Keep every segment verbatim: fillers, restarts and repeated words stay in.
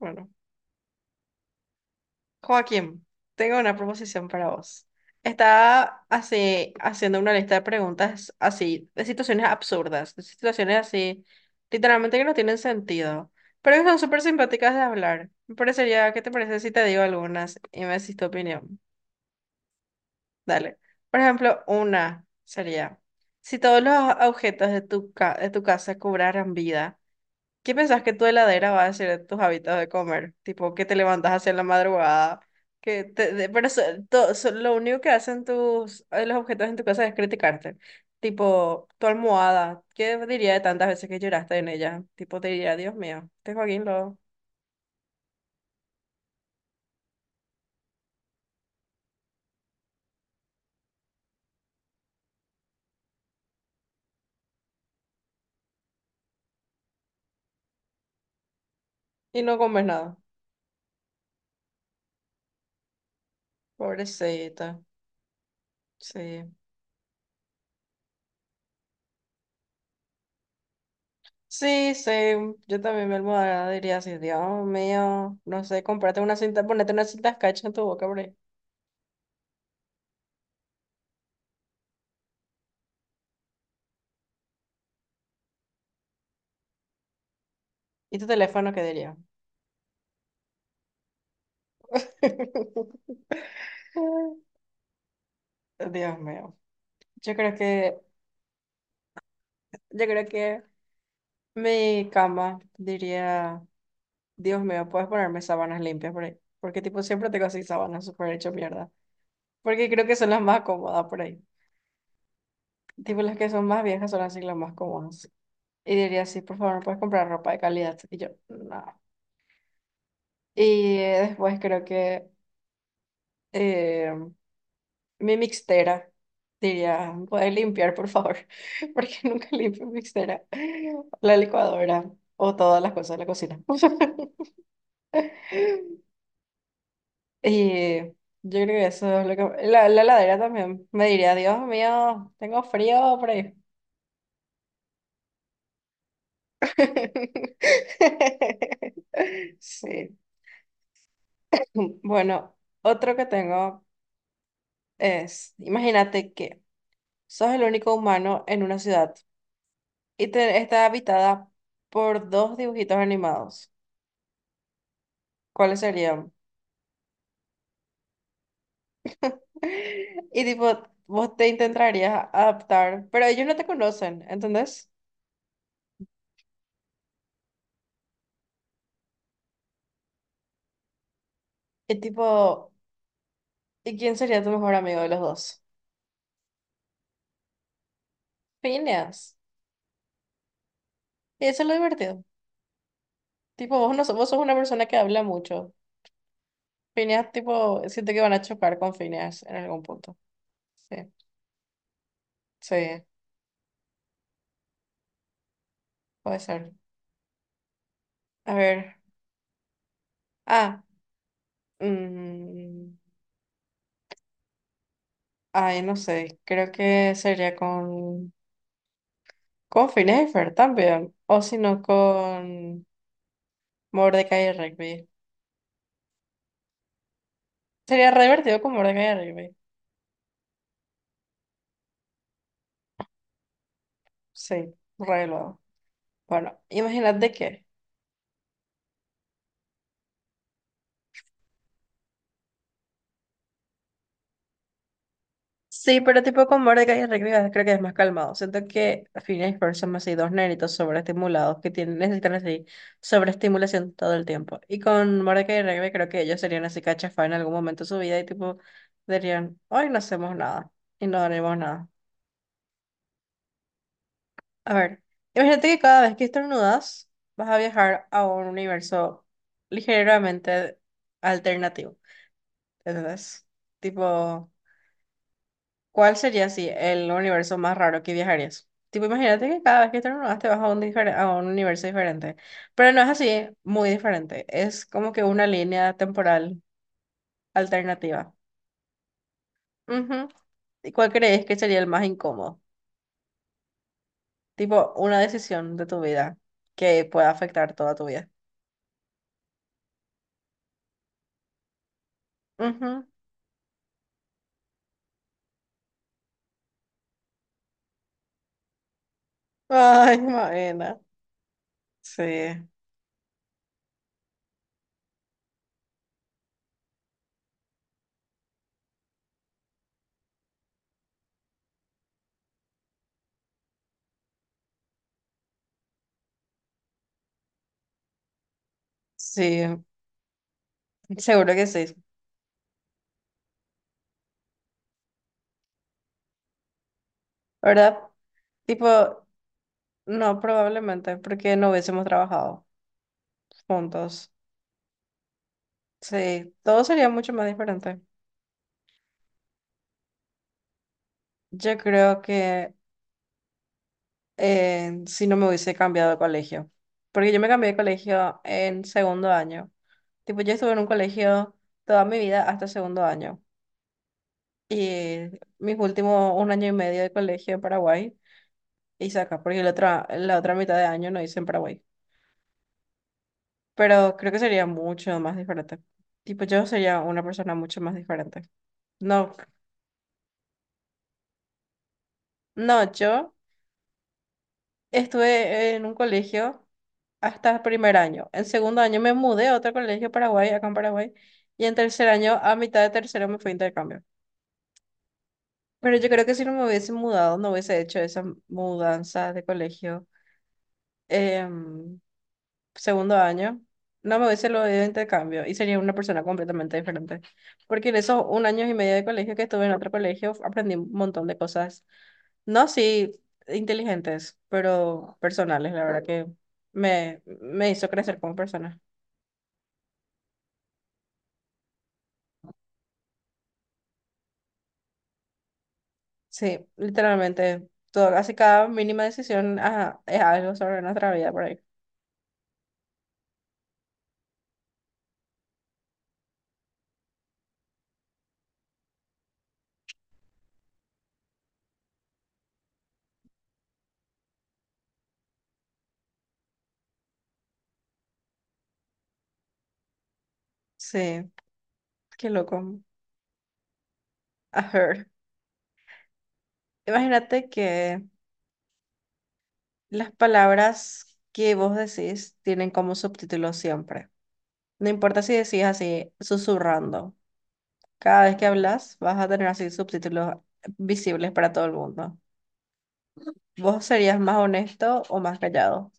Bueno, Joaquín, tengo una proposición para vos. Estaba así haciendo una lista de preguntas así, de situaciones absurdas, de situaciones así, literalmente que no tienen sentido, pero que son súper simpáticas de hablar. Me parecería, ¿qué te parece si te digo algunas y me decís tu opinión? Dale. Por ejemplo, una sería, si todos los objetos de tu ca- de tu casa cobraran vida, ¿qué pensás que tu heladera va a ser tus hábitos de comer? Tipo, que te levantas hacia la madrugada, que te, de- pero so- to- so- lo único que hacen tus eh, los objetos en tu casa es criticarte. Tipo, tu almohada, ¿qué diría de tantas veces que lloraste en ella? Tipo, te diría, Dios mío, este Joaquín lo... Y no comes nada. Pobrecita. Sí. Sí, sí, yo también mi almohada diría así, Dios mío, no sé, comprate una cinta, ponete una cinta escarcha en tu boca, por ahí. ¿Y tu teléfono qué diría? Dios mío. Yo creo que, yo creo que mi cama diría, Dios mío, puedes ponerme sábanas limpias por ahí. Porque tipo siempre tengo así sábanas súper hecho mierda. Porque creo que son las más cómodas por ahí. Tipo las que son más viejas son así las más cómodas. Y diría así, por favor, ¿me puedes comprar ropa de calidad? Y yo, no. Y eh, después creo que eh, mi mixtera, diría, puede limpiar, por favor, porque nunca limpio mixtera, la licuadora o todas las cosas de la cocina. Y yo creo que eso es lo que... La, la heladera también me diría, Dios mío, tengo frío por ahí. Sí. Bueno, otro que tengo es, imagínate que sos el único humano en una ciudad y te- está habitada por dos dibujitos animados. ¿Cuáles serían? Y tipo, vos te intentarías adaptar, pero ellos no te conocen, ¿entendés? Y tipo, ¿y quién sería tu mejor amigo de los dos? Phineas. Y eso es lo divertido. Tipo, vos no sos, vos sos una persona que habla mucho. Phineas, tipo, siento que van a chocar con Phineas en algún punto. Sí, sí, puede ser. A ver. Ah, mm, ay, no sé. Creo que sería con, con Phineas y Fer también. O si no, con. Mordecai y Rigby. Sería re divertido con Mordecai y Rigby. Sí, re luego. Bueno, imagínate que. Sí, pero tipo con Mordecai y Rigby ah, creo que es más calmado. Siento que Phineas y Ferb son así dos nenitos sobreestimulados que tienen, necesitan así sobreestimulación todo el tiempo. Y con Mordecai y Rigby creo que ellos serían así cachafá en algún momento de su vida y tipo dirían, hoy no hacemos nada y no haremos nada. A ver, imagínate que cada vez que estornudas vas a viajar a un universo ligeramente alternativo. ¿Entendés? Tipo, ¿cuál sería así el universo más raro que viajarías? Tipo, imagínate que cada vez que estornudas te vas a un, difer- a un universo diferente. Pero no es así, muy diferente. Es como que una línea temporal alternativa. Ujú. ¿Y cuál crees que sería el más incómodo? Tipo, una decisión de tu vida que pueda afectar toda tu vida. Ujú. Ay, Maena. Sí, sí, seguro que sí. ¿Verdad? Tipo, no, probablemente, porque no hubiésemos trabajado juntos. Sí, todo sería mucho más diferente. Yo creo que eh, si no me hubiese cambiado de colegio, porque yo me cambié de colegio en segundo año. Tipo, yo estuve en un colegio toda mi vida hasta segundo año. Y mis últimos un año y medio de colegio en Paraguay hice acá, porque la otra, la otra mitad de año no hice en Paraguay. Pero creo que sería mucho más diferente. Tipo, yo sería una persona mucho más diferente. No, no, yo estuve en un colegio hasta primer año. En segundo año me mudé a otro colegio Paraguay, acá en Paraguay, y en tercer año, a mitad de tercero, me fui a intercambio. Pero yo creo que si no me hubiese mudado, no hubiese hecho esa mudanza de colegio. Em, segundo año, no me hubiese lo de intercambio y sería una persona completamente diferente. Porque en esos un año y medio de colegio que estuve en otro colegio, aprendí un montón de cosas. No, sí, inteligentes, pero personales, la verdad que me, me hizo crecer como persona. Sí, literalmente, todo, casi cada mínima decisión ajá, es algo sobre nuestra vida por ahí. Sí, qué loco. A ver, imagínate que las palabras que vos decís tienen como subtítulo siempre. No importa si decís así, susurrando. Cada vez que hablas, vas a tener así subtítulos visibles para todo el mundo. ¿Vos serías más honesto o más callado?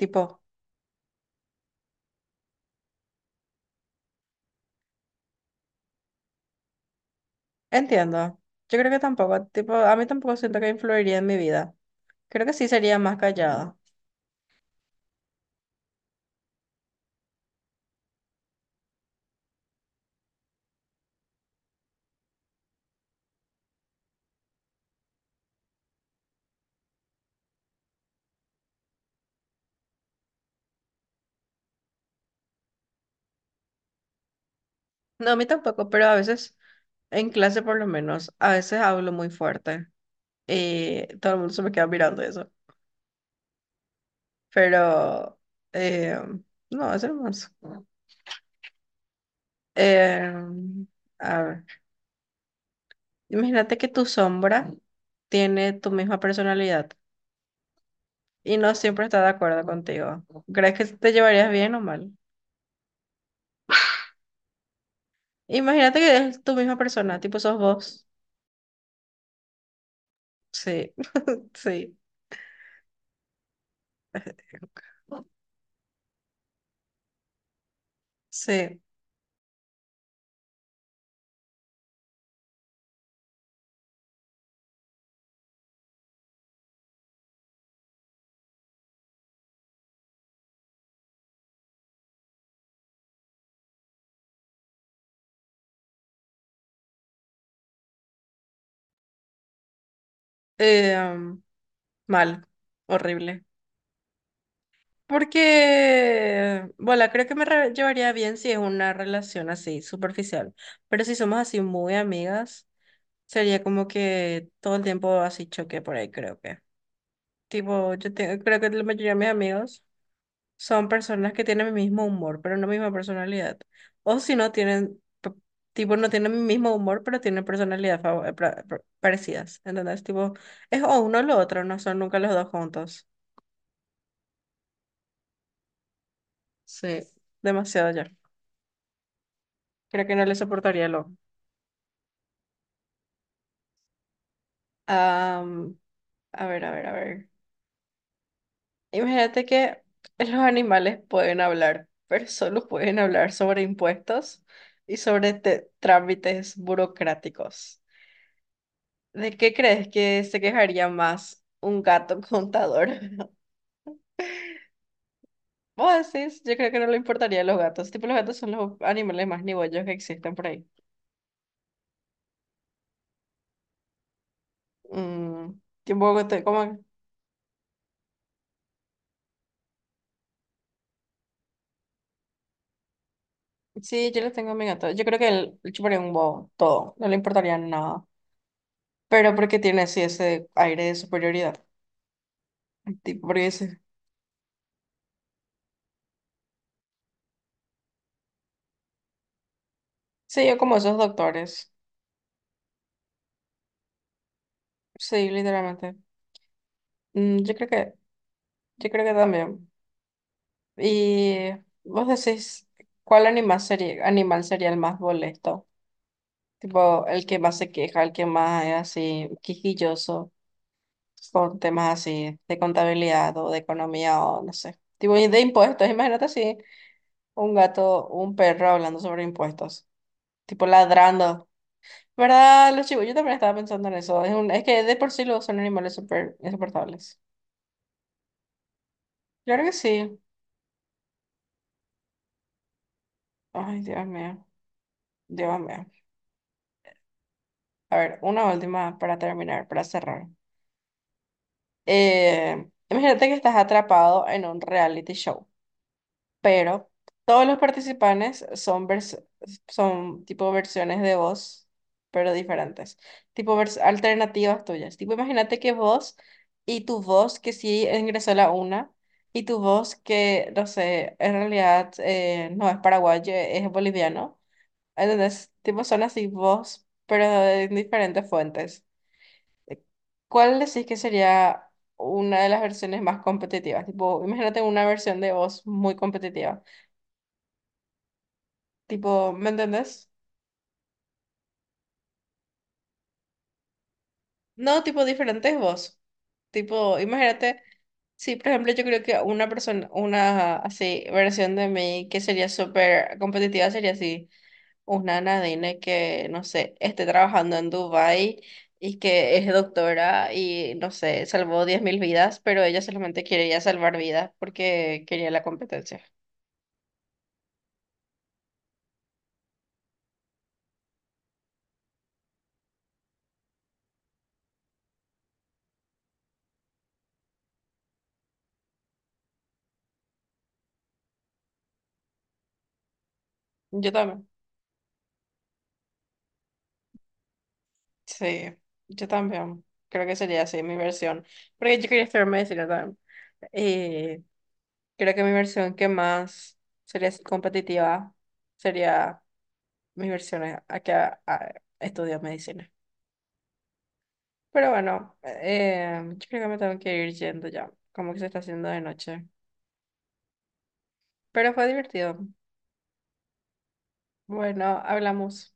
Tipo, entiendo. Yo creo que tampoco. Tipo, a mí tampoco siento que influiría en mi vida. Creo que sí sería más callado. No, a mí tampoco, pero a veces, en clase por lo menos, a veces hablo muy fuerte. Y todo el mundo se me queda mirando eso. Pero, eh, no, es hermoso. Eh, a ver, imagínate que tu sombra tiene tu misma personalidad y no siempre está de acuerdo contigo. ¿Crees que te llevarías bien o mal? Imagínate que es tu misma persona, tipo sos vos. Sí, sí, sí. Eh, mal, horrible. Porque, bueno, creo que me re- llevaría bien si es una relación así, superficial. Pero si somos así muy amigas. Sería como que todo el tiempo así choque por ahí, creo que. Tipo, yo tengo, creo que la mayoría de mis amigos son personas que tienen mi mismo humor, pero no mi misma personalidad. O si no tienen, p- tipo, no tienen mi mismo humor, pero tienen personalidad fav- eh, pra- pra- parecidas. ¿Entendés? Tipo, es o uno o lo otro, no son nunca los dos juntos. Sí. Demasiado ya. Creo que no le soportaría lo. Am, a ver, a ver, a ver. Imagínate que los animales pueden hablar, pero solo pueden hablar sobre impuestos y sobre te- trámites burocráticos. ¿De qué crees que se quejaría más un gato contador? Vos decís, yo creo que no le importaría a los gatos. Tipo, los gatos son los animales más nibollos que existen por ahí. Mm, tipo, te- como, sí, yo le tengo a mi gato. Yo creo que él le chuparía un bobo todo. No le importaría nada. Pero porque tiene así ese aire de superioridad. Tipo, porque dice. Sí, yo como esos doctores. Sí, literalmente. Mm, yo creo que, yo creo que también. Y vos decís, ¿cuál animal sería, animal sería el más molesto? Tipo, el que más se queja, el que más es así, quisquilloso, con temas así de contabilidad o de economía o no sé. Tipo, y de impuestos. Imagínate así, un gato, un perro hablando sobre impuestos. Tipo, ladrando. ¿Verdad, los chivos? Yo también estaba pensando en eso. Es un, es que de por sí los son animales súper insoportables. Yo creo que sí. Ay, Dios mío, Dios mío. A ver, una última para terminar, para cerrar. Eh, imagínate que estás atrapado en un reality show, pero todos los participantes son, vers- son tipo versiones de vos, pero diferentes, tipo vers- alternativas tuyas. Tipo, imagínate que vos y tu voz que sí ingresó la una. Y tu voz que, no sé, en realidad eh, no es paraguayo, es boliviano, entonces tipo, son así vos, pero de diferentes fuentes. ¿Cuál decís que sería una de las versiones más competitivas? Tipo, imagínate una versión de voz muy competitiva. Tipo, ¿me entendés? No, tipo, diferentes voz. Tipo, imagínate, sí, por ejemplo, yo creo que una persona, una así versión de mí que sería súper competitiva sería así. Una Nadine que, no sé, esté trabajando en Dubai y que es doctora y, no sé, salvó diez mil vidas, pero ella solamente quería salvar vidas porque quería la competencia. Yo también, sí, yo también. Creo que sería así mi versión, porque yo quería estudiar medicina también. Y creo que mi versión que más sería así competitiva sería mi versión a a que a- a- estudio medicina. Pero bueno, eh, yo creo que me tengo que ir yendo ya, como que se está haciendo de noche. Pero fue divertido. Bueno, hablamos.